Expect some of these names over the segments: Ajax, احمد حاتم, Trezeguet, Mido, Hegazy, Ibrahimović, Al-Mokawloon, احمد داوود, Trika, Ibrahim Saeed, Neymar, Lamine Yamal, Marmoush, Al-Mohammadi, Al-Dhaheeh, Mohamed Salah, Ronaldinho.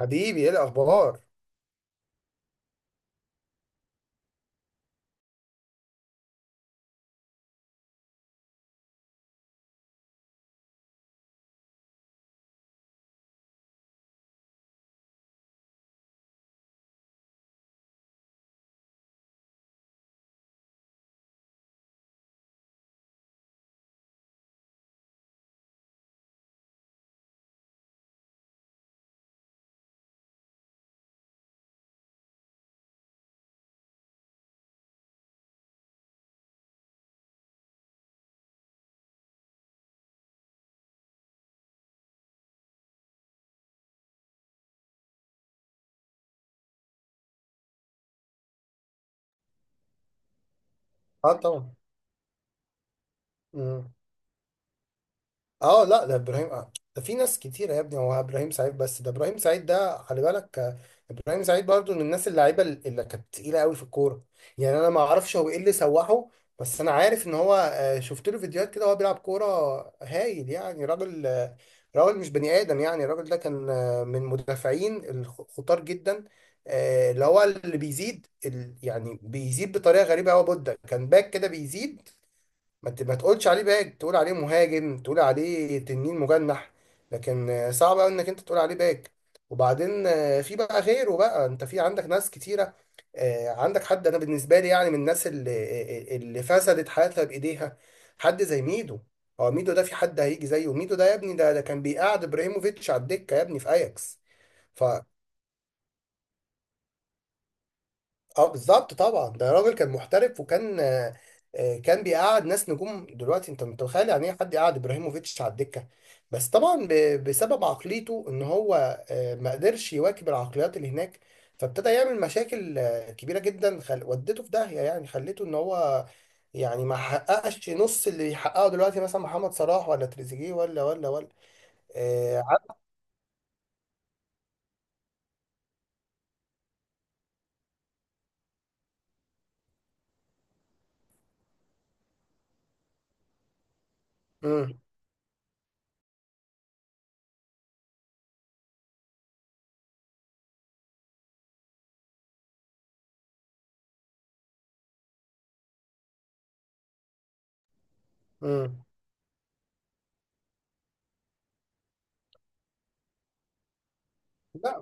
حبيبي، ايه الاخبار؟ اه طبعا. مم. اه، لا، ده ابراهيم. ده في ناس كتيره يا ابني، هو ابراهيم سعيد. بس ده ابراهيم سعيد، ده خلي بالك. ابراهيم سعيد برضو من الناس اللعيبه اللي كانت تقيله قوي في الكوره. يعني انا ما اعرفش هو ايه اللي سوحه، بس انا عارف ان هو شفت له فيديوهات كده وهو بيلعب كوره هايل. يعني راجل، راجل مش بني ادم. يعني الراجل ده كان من مدافعين الخطار جدا. اللي هو اللي بيزيد يعني بيزيد بطريقه غريبه قوي. بودة كان باك كده بيزيد، ما تقولش عليه باك، تقول عليه مهاجم، تقول عليه تنين مجنح، لكن صعب قوي انك انت تقول عليه باك. وبعدين في بقى غيره. بقى انت في عندك ناس كتيره، عندك حد. انا بالنسبه لي يعني من الناس اللي فسدت حياتها بايديها، حد زي ميدو. هو ميدو ده في حد هيجي زيه؟ ميدو ده يا ابني، ده كان بيقعد ابراهيموفيتش على الدكه يا ابني في اياكس. ف اه بالظبط، طبعا. ده راجل كان محترف، وكان، كان بيقعد ناس نجوم دلوقتي. انت متخيل يعني ايه حد يقعد ابراهيموفيتش على الدكه؟ بس طبعا بسبب عقليته، ان هو ما قدرش يواكب العقليات اللي هناك. فابتدى يعمل مشاكل كبيره جدا. ودته في داهيه، يعني خليته ان هو، يعني ما حققش نص اللي يحققه دلوقتي مثلا محمد صلاح ولا تريزيجيه ولا ولا ولا. آه، ع- مم، مم. لا،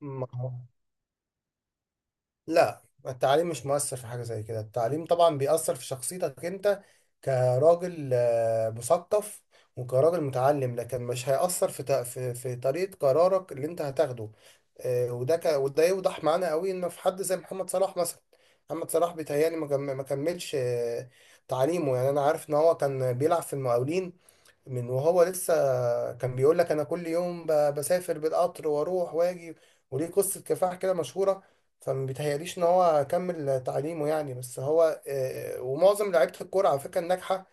ما هو لا، التعليم مش مؤثر في حاجة زي كده. التعليم طبعا بيأثر في شخصيتك انت كراجل مثقف، وكراجل متعلم، لكن مش هيأثر في طريقة قرارك اللي انت هتاخده. وده يوضح معانا قوي انه في حد زي محمد صلاح مثلا. محمد صلاح بيتهيألي ما كملش تعليمه. يعني انا عارف ان هو كان بيلعب في المقاولين من وهو لسه. كان بيقول لك انا كل يوم بسافر بالقطر واروح واجي، وليه قصة كفاح كده مشهورة. فما بيتهيأليش ان هو كمل تعليمه يعني. بس هو ومعظم لعيبة الكورة على فكرة الناجحة،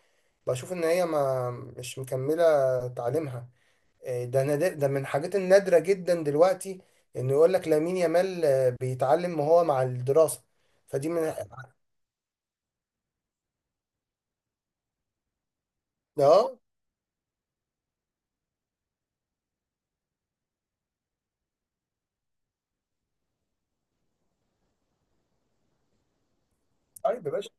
بشوف ان هي ما مش مكملة تعليمها. ده نادر، ده من الحاجات النادرة جدا دلوقتي، انه يقول لك لامين يامال بيتعلم وهو مع الدراسة. فدي من. اه، طيب يا باشا.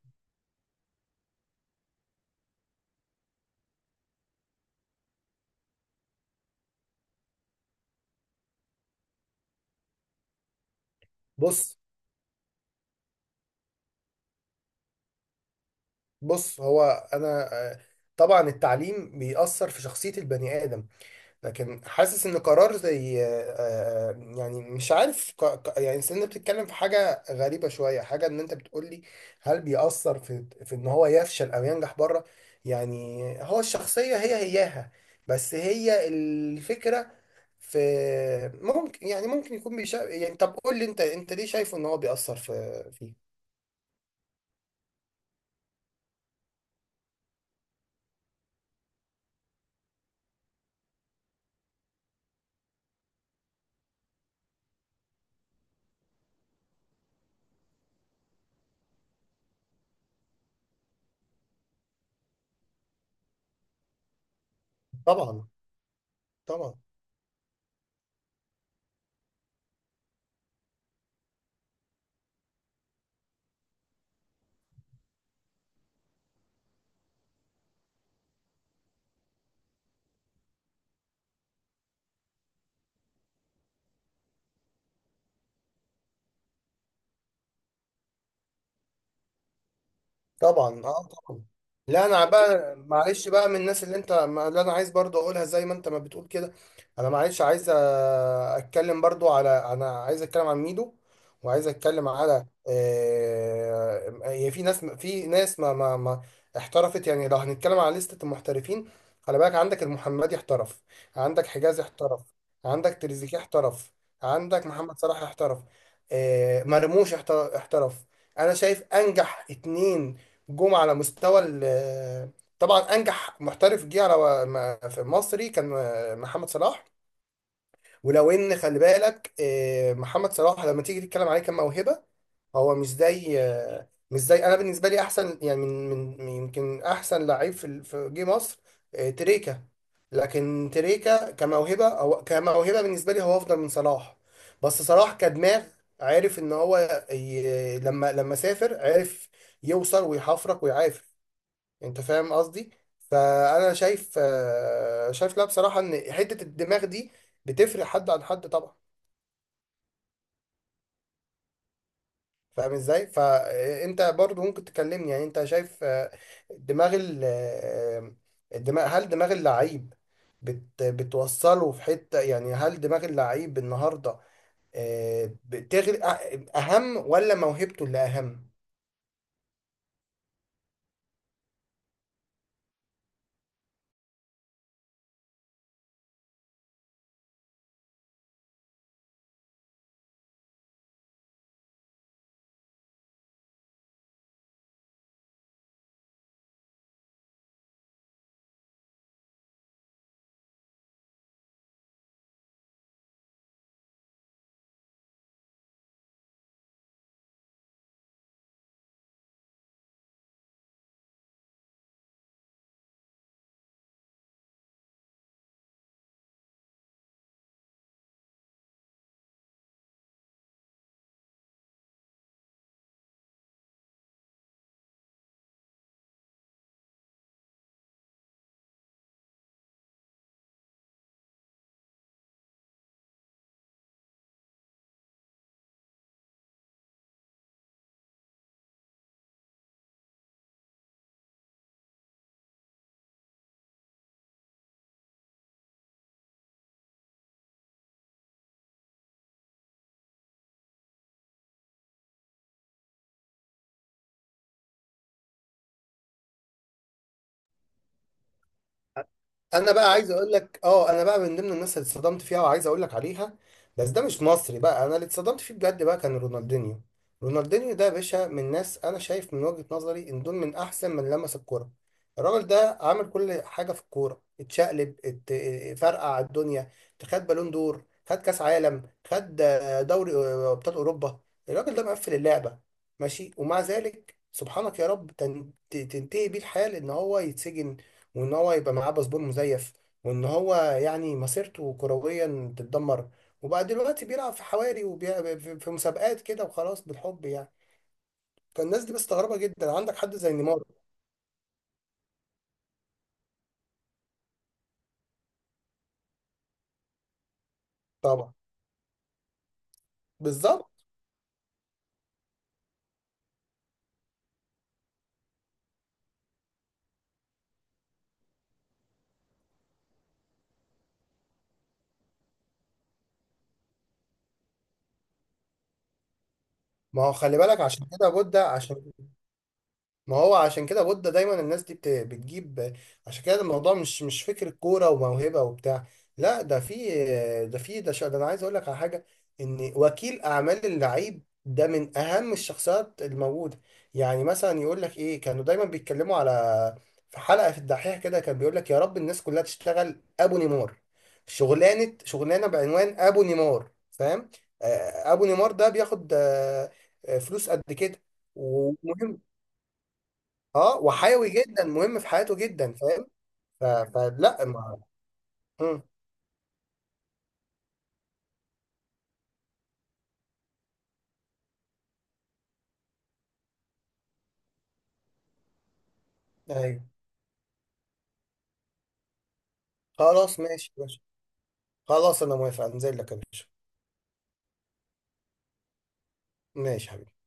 بص بص، هو انا، طبعا التعليم بيأثر في شخصية البني آدم، لكن حاسس ان قرار زي، يعني مش عارف. يعني أصل انت بتتكلم في حاجة غريبة شوية. حاجة ان انت بتقول لي هل بيأثر في ان هو يفشل او ينجح بره؟ يعني هو الشخصية هي هياها، بس هي الفكرة في. ممكن، يعني ممكن يكون يعني طب قول لي، انت ليه شايفه ان هو بيأثر فيه؟ طبعا. طبعا. طبعا. اه طبعا. لا، انا بقى معلش بقى من الناس اللي انت ما- اللي انا عايز برضو اقولها، زي ما انت ما بتقول كده. انا معلش عايز اتكلم برضو على، انا عايز اتكلم عن ميدو، وعايز اتكلم على، هي في ناس، ما احترفت. يعني لو هنتكلم على لستة المحترفين، خلي بالك عندك المحمدي احترف، عندك حجازي احترف، عندك تريزيجيه احترف، عندك محمد صلاح احترف، مرموش احترف. انا شايف انجح اتنين جم على مستوى طبعا انجح محترف جه على، في مصري كان محمد صلاح. ولو ان خلي بالك محمد صلاح لما تيجي تتكلم عليه كموهبه، هو مش زي، انا بالنسبه لي احسن، يعني يمكن احسن لعيب في في جه مصر، تريكا. لكن تريكا كموهبه، هو كموهبه بالنسبه لي هو افضل من صلاح، بس صلاح كدماغ، عارف ان هو لما سافر، عارف يوصل ويحفرك ويعافر. انت فاهم قصدي؟ فانا شايف، لا بصراحه، ان حته الدماغ دي بتفرق حد عن حد طبعا. فاهم ازاي؟ فانت برضو ممكن تكلمني، يعني انت شايف دماغ الدماغ، هل دماغ اللعيب بتوصله في حته؟ يعني هل دماغ اللعيب النهارده اهم، ولا موهبته اللي اهم؟ انا بقى عايز اقول لك. اه، انا بقى من ضمن الناس اللي اتصدمت فيها وعايز اقول لك عليها، بس ده مش مصري بقى. انا اللي اتصدمت فيه بجد بقى كان رونالدينيو. رونالدينيو ده يا باشا، من ناس انا شايف من وجهة نظري ان دول من احسن من لمس الكوره. الراجل ده عمل كل حاجه في الكوره، اتشقلب، فرقع الدنيا، خد بالون دور، خد كاس عالم، خد دوري ابطال اوروبا. الراجل ده مقفل اللعبه. ماشي، ومع ذلك سبحانك يا رب، تنتهي بيه الحال ان هو يتسجن، وان هو يبقى معاه باسبور مزيف، وان هو يعني مسيرته كرويا تتدمر، وبقى دلوقتي بيلعب في حواري في مسابقات كده، وخلاص، بالحب يعني. فالناس دي مستغربة جدا. عندك حد زي نيمار. طبعا. بالظبط. ما هو خلي بالك عشان كده بودة عشان، ما هو عشان كده بودة دايما الناس دي بتجيب. عشان كده الموضوع مش فكرة كورة وموهبة وبتاع، لا. ده في، ده انا عايز اقول لك على حاجة، ان وكيل اعمال اللعيب ده من اهم الشخصيات الموجودة. يعني مثلا يقول لك ايه، كانوا دايما بيتكلموا على، في حلقة في الدحيح كده كان بيقول لك يا رب الناس كلها تشتغل ابو نيمار. شغلانة شغلانة بعنوان ابو نيمار، فاهم؟ ابو نيمار ده بياخد، فلوس قد كده. ومهم، اه، وحيوي جدا، مهم في حياته جدا، فاهم؟ ف... فلا ما مم. ايوه. خلاص، ماشي يا باشا. خلاص انا موافق، انزل لك يا باشا. ماشي يا حبيبي.